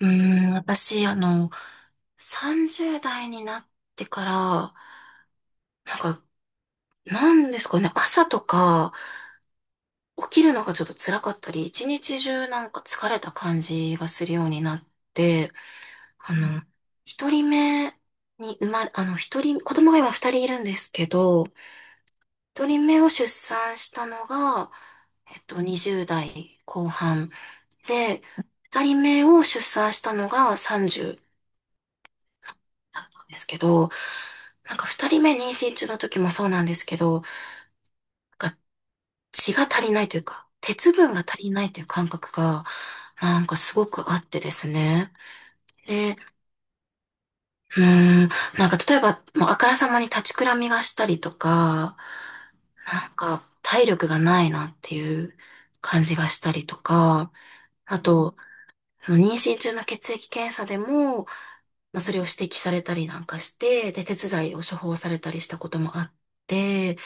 うー私、30代になってから、なんか、なんですかね、朝とか、起きるのがちょっと辛かったり、一日中なんか疲れた感じがするようになって、あの、一人目に生まれ、一人、子供が今二人いるんですけど、一人目を出産したのが、20代後半で、二人目を出産したのが30だったんですけど、なんか二人目妊娠中の時もそうなんですけど、なんか血が足りないというか、鉄分が足りないという感覚が、なんかすごくあってですね。で、うーん、なんか例えば、もうあからさまに立ちくらみがしたりとか、なんか体力がないなっていう感じがしたりとか、あと、その妊娠中の血液検査でも、まあ、それを指摘されたりなんかして、で、鉄剤を処方されたりしたこともあって、だ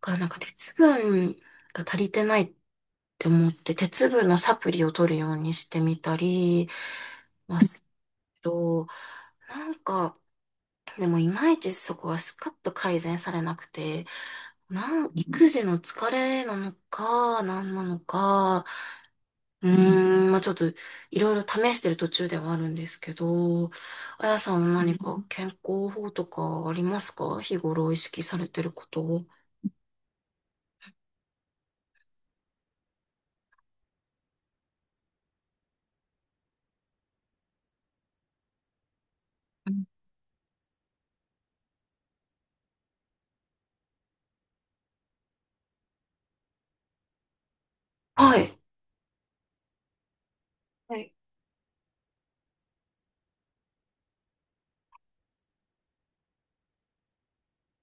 からなんか鉄分が足りてないって思って、鉄分のサプリを取るようにしてみたり、ますけなんか、でもいまいちそこはスカッと改善されなくて、育児の疲れなのか、何なのか、まあちょっといろいろ試してる途中ではあるんですけど、あやさんは何か健康法とかありますか、日頃意識されてることを？はい。はい。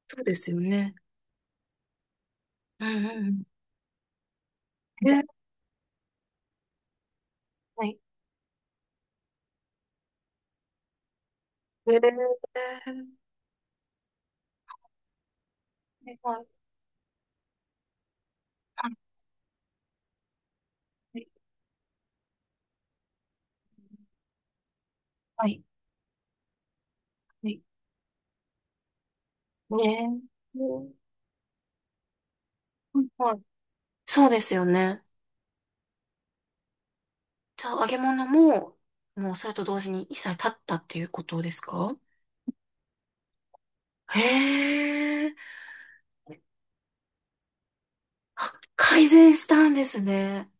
そうですよね。うんうんうん。はい。はい。そうですよね。じゃあ揚げ物も、もうそれと同時に一切立ったっていうことですか？へえ。あ、改善したんですね。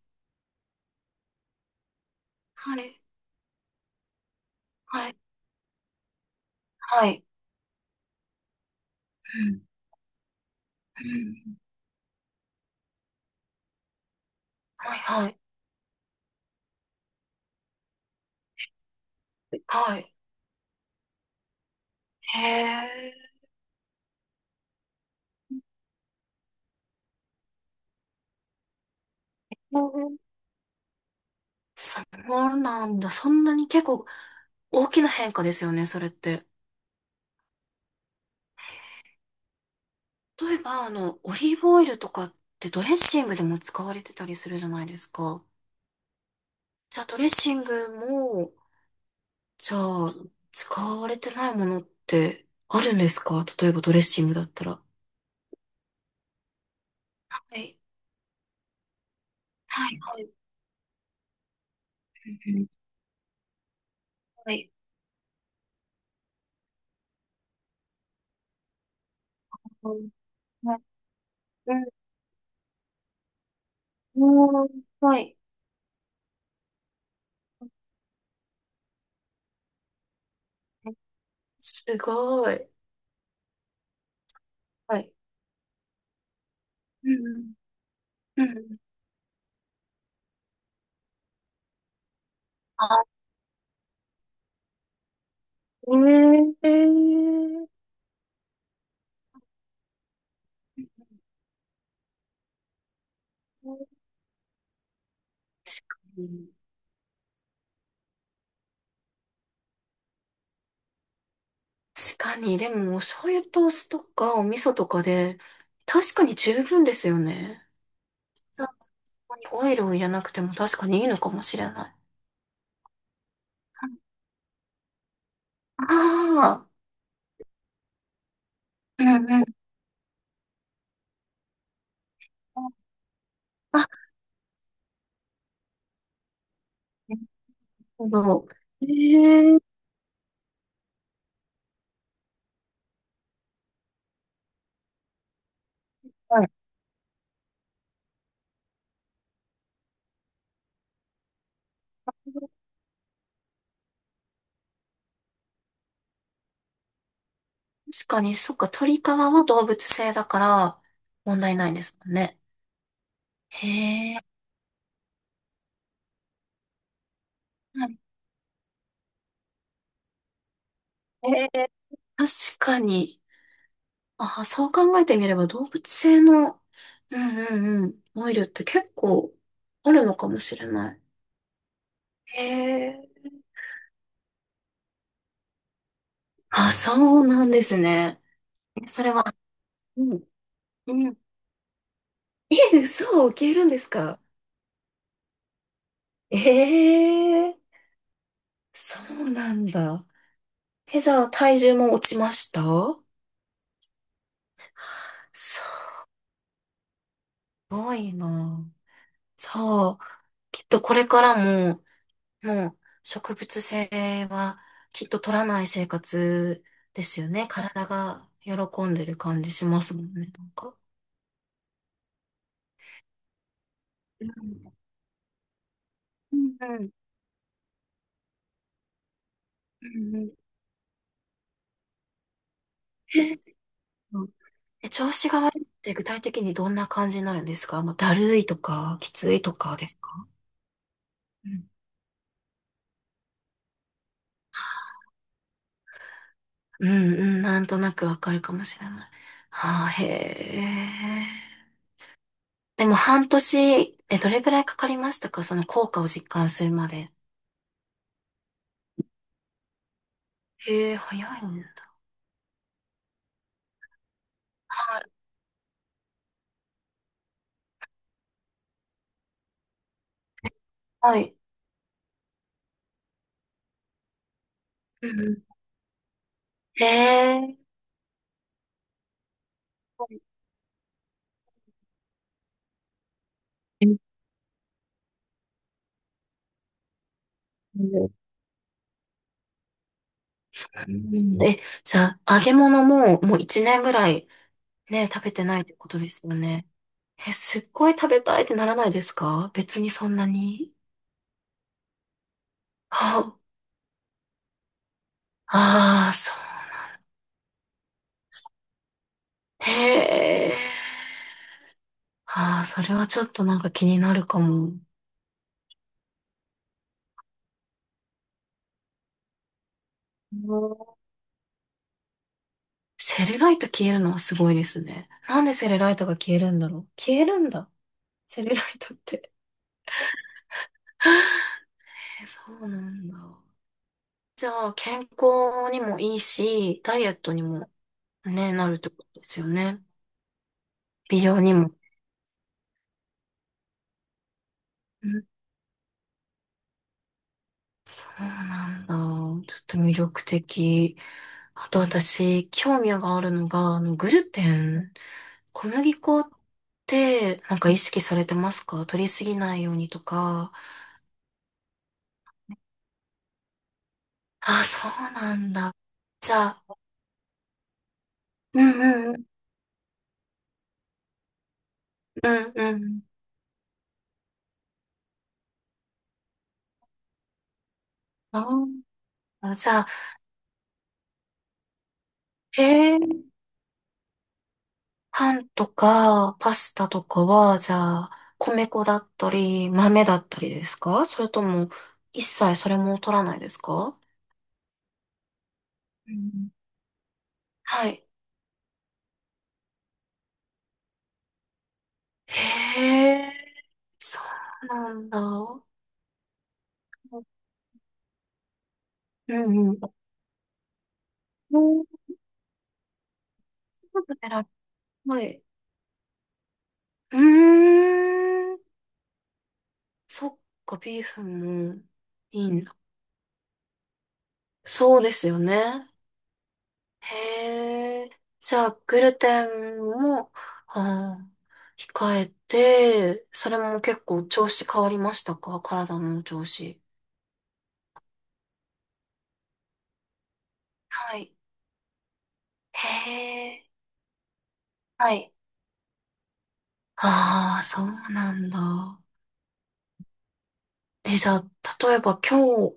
はい。はい。はい。うん。うん。はいはい。はい。へえ。そうなんだ。そんなに結構大きな変化ですよね、それって。例えば、オリーブオイルとかってドレッシングでも使われてたりするじゃないですか。じゃあ、ドレッシングも、じゃあ、使われてないものってあるんですか、例えばドレッシングだったら？はい。はい。すごい。はい。うんうん。ええー、確かに、でも、お醤油とお酢とかお味噌とかで、確かに十分ですよね。そう、そこにオイルを入れなくても確かにいいのかもしれない。ああ、うんうん。あ、確かに、そっか、鳥皮は動物性だから問題ないんですもんね。へえ、確かに。あ、そう考えてみれば動物性の、うんうんうん、オイルって結構あるのかもしれない。へえ。あ、そうなんですね。えそれは、え、嘘を受け入れるんですか？ええ、そうなんだ。え、じゃあ体重も落ちました？すごいな。じゃあ、きっとこれからも、もう植物性はきっと取らない生活ですよね。体が喜んでる感じしますもんね、なんか。うんうんうんうん、え、そう、え、調子が悪いって具体的にどんな感じになるんですか、もうだるいとか、きついとかですか？うん、うん、うん、なんとなくわかるかもしれない。はあ、へえ。でも半年、どれぐらいかかりましたか、その効果を実感するまで？へえ、早いんだ。はい。うんうん、へえ、そうなんだ。え、じゃあ、揚げ物ももう一年ぐらいね、食べてないってことですよね。え、すっごい食べたいってならないですか、別にそんなに？あ、ああ、そう。へえ。ああ、それはちょっとなんか気になるかも。セレライト消えるのはすごいですね。なんでセレライトが消えるんだろう。消えるんだ。セレライトって。え、そうなんだ。じゃあ、健康にもいいし、ダイエットにもね、なるってことですよね。美容にも。うん、そうなんだ。ちょっと魅力的。あと私、興味があるのが、グルテン。小麦粉って、なんか意識されてますか、取りすぎないようにとか？あ、そうなんだ。じゃあ、うんうんうんうんうん、あーあ、じゃあ、へえ、パンとかパスタとかは、じゃあ、米粉だったり、豆だったりですか、それとも、一切それも取らないですか？うん、はい。へえ、そうなんだ。うんうん。はい。うーん。そっか、ビーフンもいいんだ。そうですよね。へえ。じゃあ、グルテンも、あ控えて、それも結構調子変わりましたか、体の調子？はい。へえ。はい。ああ、そうなんだ。え、じゃあ、例えば今日、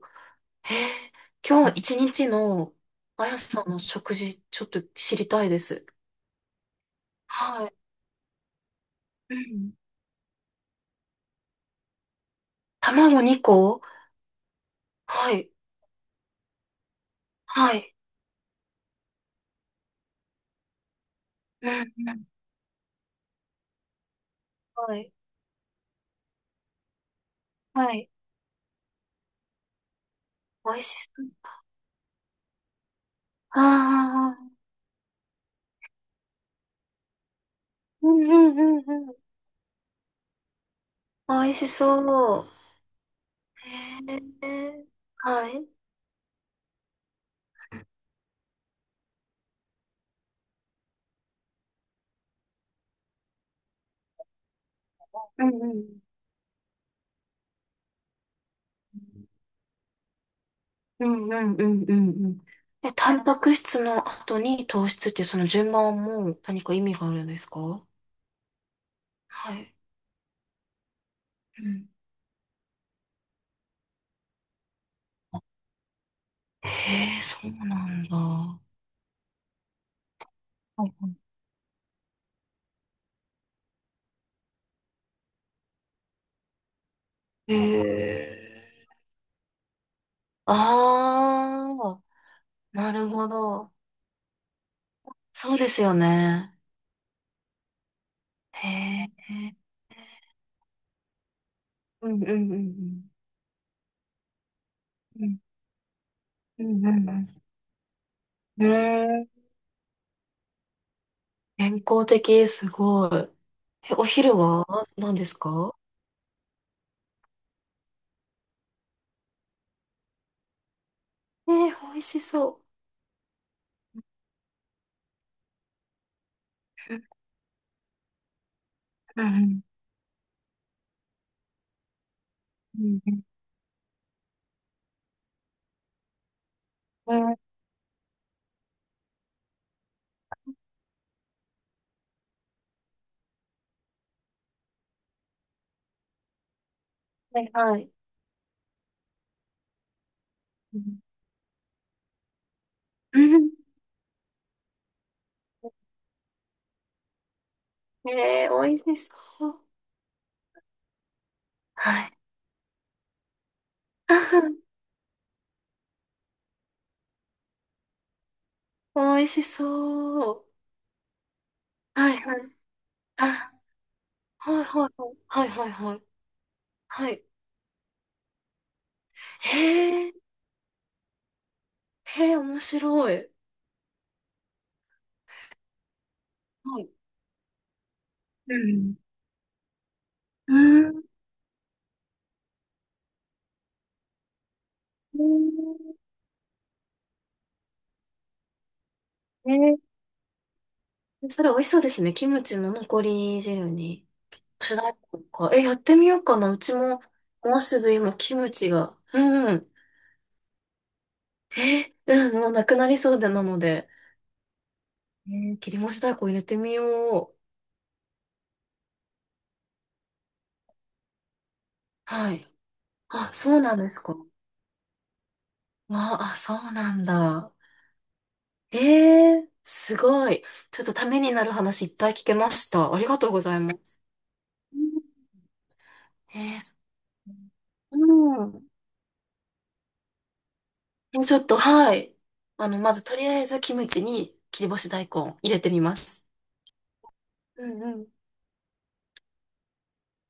え今日一日のあやさんの食事、ちょっと知りたいです。はい。うん。卵2個、はい。はい。うんうん。はい。はい。美味しそう。ああ。うんうんうんうん。美味しそう。へえ。はい。うんうんうんうんうんうんうん。え、タンパク質の後に糖質っていうその順番はもう何か意味があるんですか？はい。うん、へえ、そうなんだ。へえ。ああ、なるほど。そうですよね。へえ。うんうんうんうんうんうんうんうん。健康的、すごい。え、お昼は何ですか？美味しそう。うん、はいはい。うん、美味しそう。はい。美味しそう。はいはい。あ、はいはいはい。はいはいはい。はい。へえ、へえ、面白い。はい。うんうん。それ美味しそうですね。キムチの残り汁に。主題歌か。え、やってみようかな。うちも、もうすぐ今、キムチが。うんうん。え、うん、もうなくなりそうでなので、切り干し大根入れてみよう。はい。あ、そうなんですか。あ、あ、そうなんだ。すごい。ちょっとためになる話いっぱい聞けました。ありがとうございます。えー、うん。え、ちょっと、はい。まずとりあえずキムチに切り干し大根入れてみます。うんうん。